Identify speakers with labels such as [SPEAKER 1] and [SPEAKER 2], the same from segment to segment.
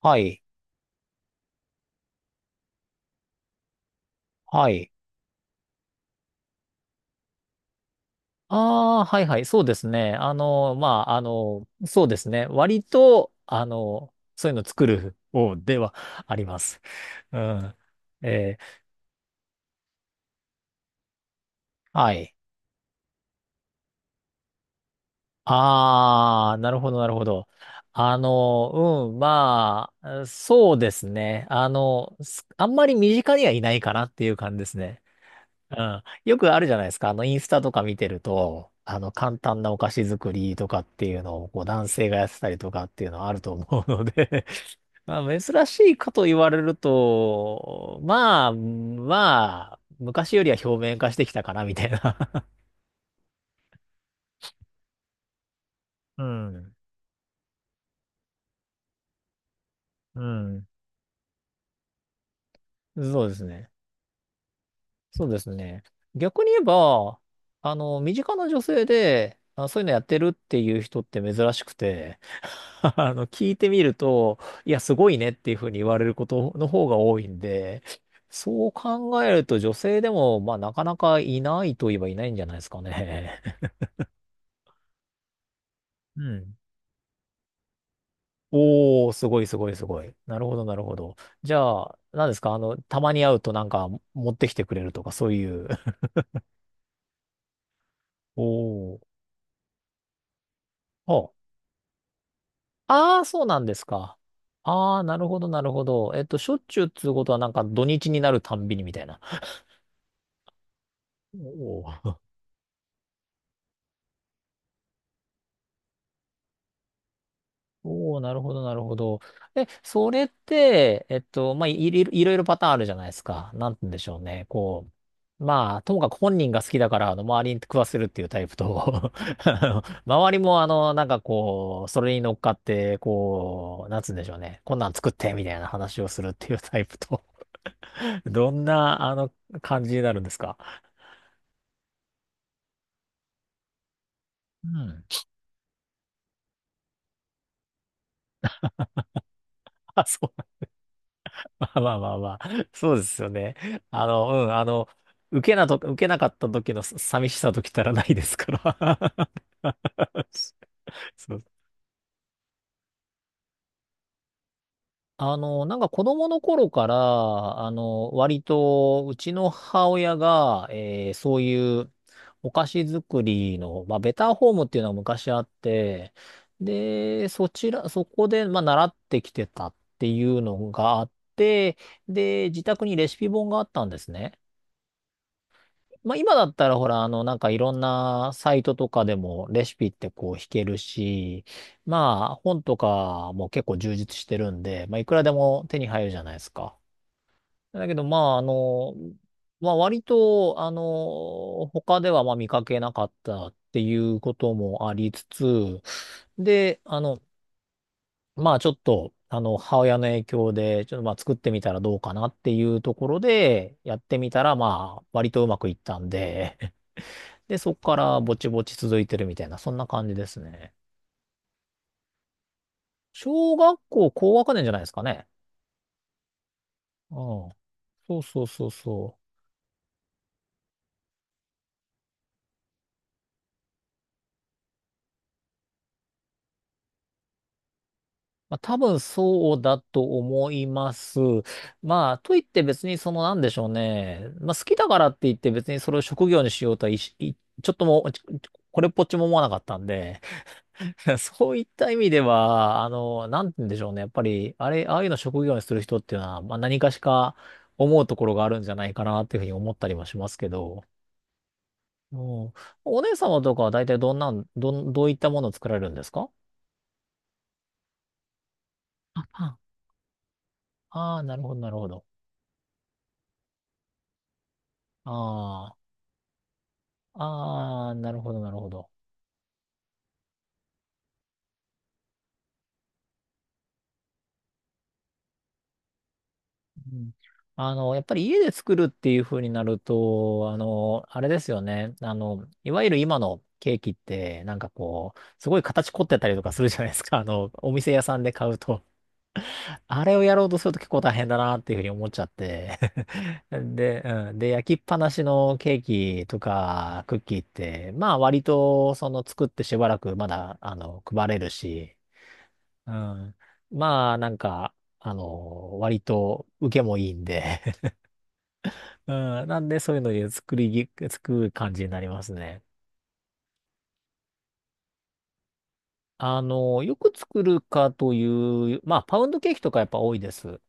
[SPEAKER 1] はい。はい。ああ、はいはい。そうですね。まあ、そうですね。割と、そういうの作る方ではあります。うん。えーはい。ああ、なるほど、なるほど。まあ、そうですね。あんまり身近にはいないかなっていう感じですね。うん。よくあるじゃないですか。インスタとか見てると、簡単なお菓子作りとかっていうのを、こう、男性がやってたりとかっていうのはあると思うので まあ、珍しいかと言われると、まあ、昔よりは表面化してきたかな、みたいな。 うん。うん。そうですね。そうですね。逆に言えば、身近な女性で、そういうのやってるっていう人って珍しくて、聞いてみると、いや、すごいねっていうふうに言われることの方が多いんで、そう考えると女性でも、まあ、なかなかいないといえばいないんじゃないですかね。うん。おー、すごいすごいすごい。なるほど、なるほど。じゃあ、何ですかたまに会うとなんか持ってきてくれるとか、そういう。おー。あああ、そうなんですか。ああ、なるほど、なるほど。しょっちゅうっつうことはなんか土日になるたんびにみたいな。おー。 おー、なるほど、なるほど。え、それって、まあ、いろいろパターンあるじゃないですか。なんて言うんでしょうね。こう、まあ、ともかく本人が好きだから、周りに食わせるっていうタイプと、あの周りも、なんかこう、それに乗っかって、こう、なんつうんでしょうね。こんなん作って、みたいな話をするっていうタイプと、どんな、感じになるんですか。うん。あ、そう。まあまあまあまあ。そうですよね。あの、うん、あの、受けなかった時の寂しさときたらないですから。そう。なんか子供の頃から、割と、うちの母親が、そういうお菓子作りの、まあ、ベターホームっていうのは昔あって、で、そちら、そこで、まあ、習ってきてたっていうのがあって、で、自宅にレシピ本があったんですね。まあ今だったらほら、なんかいろんなサイトとかでもレシピってこう弾けるし、まあ本とかも結構充実してるんで、まあいくらでも手に入るじゃないですか。だけどまあまあ割と、他ではまあ見かけなかったっていうこともありつつ、で、まあちょっと、母親の影響で、ちょっとまあ作ってみたらどうかなっていうところで、やってみたらまあ割とうまくいったんで、で、そこからぼちぼち続いてるみたいな、そんな感じですね。小学校高学年じゃないですかね。うん。そうそうそうそう。まあ多分そうだと思います。まあ、といって別にそのなんでしょうね。まあ好きだからって言って別にそれを職業にしようとはいしいちょっとも、ちこれっぽっちも思わなかったんで、そういった意味では、なんて言うんでしょうね。やっぱり、あれ、ああいうの職業にする人っていうのは、まあ何かしか思うところがあるんじゃないかなっていうふうに思ったりもしますけど、おー、お姉様とかは大体どんなん、どん、どういったものを作られるんですか。あ、パン。ああ、なるほど、なるほど。ああ、ああ、なるほど、なるほど。うん。やっぱり家で作るっていう風になると、あれですよね。いわゆる今のケーキって、なんかこう、すごい形凝ってたりとかするじゃないですか。お店屋さんで買うと。あれをやろうとすると結構大変だなっていうふうに思っちゃって。 で、うん。で、焼きっぱなしのケーキとかクッキーって、まあ割とその作ってしばらくまだ、配れるし、うん。まあなんか、割と受けもいいんで。 うん。なんでそういうので作りぎ、作る感じになりますね。よく作るかという、まあパウンドケーキとかやっぱ多いです。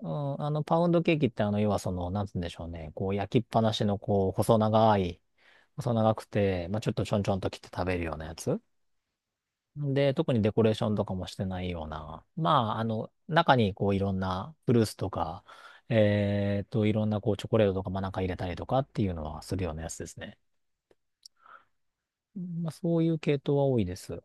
[SPEAKER 1] パウンドケーキって、要はその、なんつうんでしょうね。こう、焼きっぱなしの、こう、細長くて、まあ、ちょっとちょんちょんと切って食べるようなやつ。で、特にデコレーションとかもしてないような。まあ、中に、こう、いろんなフルーツとか、いろんな、こう、チョコレートとか、まあ、なんか入れたりとかっていうのはするようなやつですね。まあ、そういう系統は多いです。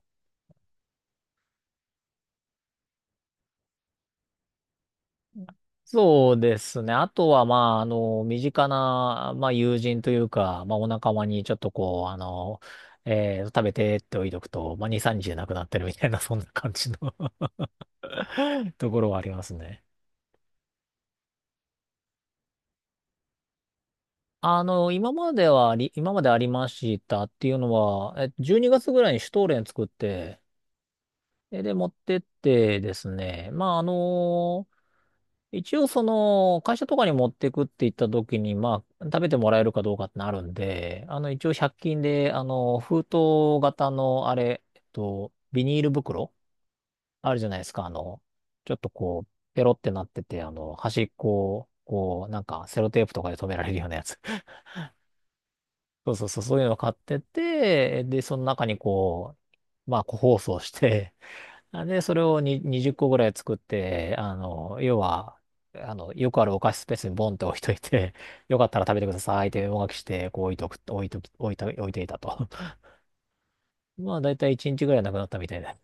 [SPEAKER 1] そうですね。あとは、まあ、身近な、まあ、友人というか、まあ、お仲間にちょっとこう、食べてって置いとくと、まあ、2、3日でなくなってるみたいな、そんな感じの ところはありますね。今までありましたっていうのは、え12月ぐらいにシュトーレン作って、で、持ってってですね、まあ、あの一応その、会社とかに持ってくって言った時に、まあ、食べてもらえるかどうかってなるんで、一応100均で、封筒型の、あれ、ビニール袋あるじゃないですか、ちょっとこう、ペロってなってて、端っこを、こう、なんか、セロテープとかで留められるようなやつ。そうそうそう、そういうのを買ってて、で、その中にこう、まあ、個包装して、で、それを20個ぐらい作って、あの、要は、あの、よくあるお菓子スペースにボンって置いといて、よかったら食べてくださいってお書きして、こう置いとく、置いとき、置いと、置いていたと。まあ、だいたい1日ぐらいなくなったみたいで。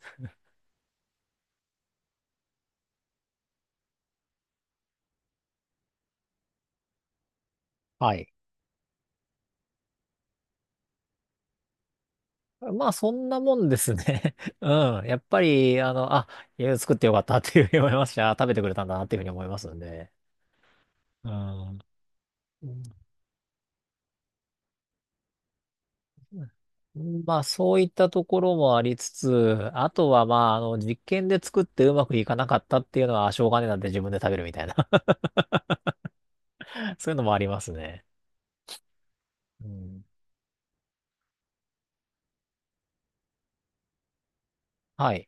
[SPEAKER 1] はい。まあ、そんなもんですね。うん。やっぱり、いや作ってよかったっていうふうに思いました。食べてくれたんだなっていうふうに思いますんで。うん。うん。まあ、そういったところもありつつ、あとはまあ、実験で作ってうまくいかなかったっていうのは、しょうがねえなって自分で食べるみたいな。 そういうのもありますね。うん。はい。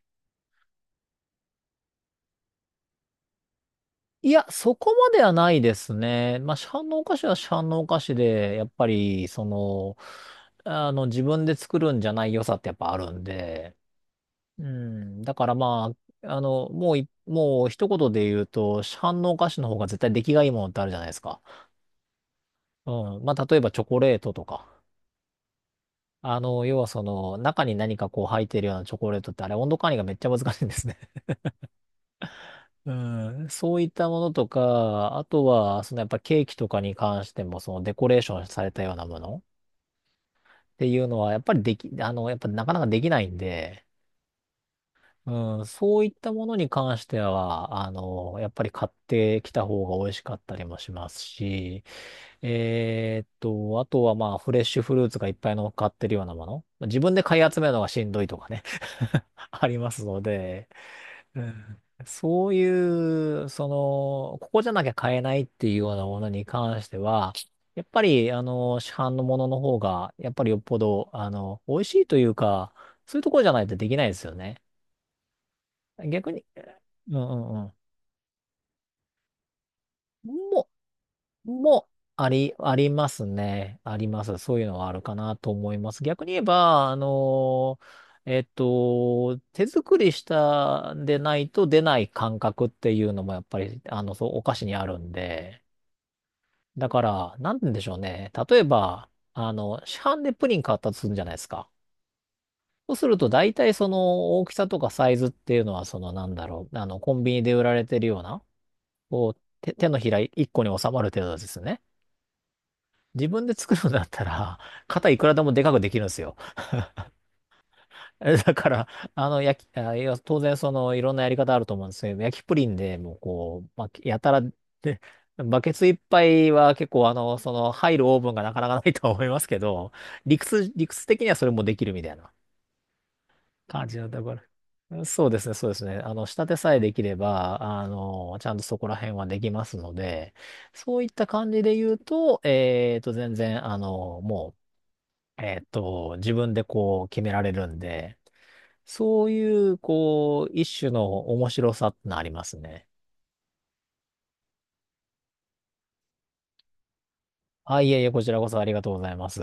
[SPEAKER 1] いや、そこまではないですね。まあ、市販のお菓子は市販のお菓子で、やっぱり、その、自分で作るんじゃない良さってやっぱあるんで、うん。だからまあ、あの、もうい、もう一言で言うと、市販のお菓子の方が絶対出来がいいものってあるじゃないですか。うん。まあ、例えばチョコレートとか。要はその、中に何かこう入ってるようなチョコレートって、あれ温度管理がめっちゃ難しいんですね。うん。そういったものとか、あとは、そのやっぱケーキとかに関しても、そのデコレーションされたようなものっていうのは、やっぱなかなかできないんで、うん、そういったものに関しては、やっぱり買ってきた方が美味しかったりもしますし、あとはまあ、フレッシュフルーツがいっぱい乗っかってるようなもの。自分で買い集めるのがしんどいとかね。 ありますので、うん。そういう、その、ここじゃなきゃ買えないっていうようなものに関しては、やっぱり、市販のものの方が、やっぱりよっぽど、美味しいというか、そういうところじゃないとできないですよね。逆に、うんうんうん。も、も、あり、ありますね。あります。そういうのはあるかなと思います。逆に言えば、手作りしたんでないと出ない感覚っていうのもやっぱり、あの、そう、お菓子にあるんで。だから、なんて言うんでしょうね。例えば、あの、市販でプリン買ったとするじゃないですか。そうすると、大体その大きさとかサイズっていうのは、そのなんだろう、あの、コンビニで売られてるような、こう、手のひら1個に収まる程度ですね。自分で作るんだったら、肩いくらでもでかくできるんですよ。えだから、あの、焼き、あ、いや、当然、その、いろんなやり方あると思うんですけど、焼きプリンでもう、こう、まあ、やたら、で、バケツいっぱいは結構、あの、その、入るオーブンがなかなかないとは思いますけど、理屈的にはそれもできるみたいな。感じのところ。そうですね、そうですね。仕立てさえできれば、ちゃんとそこら辺はできますので、そういった感じで言うと、全然、あの、もう、えっと、自分でこう決められるんで、そういう、こう、一種の面白さってのありますね。あ、いえいえ、こちらこそありがとうございます。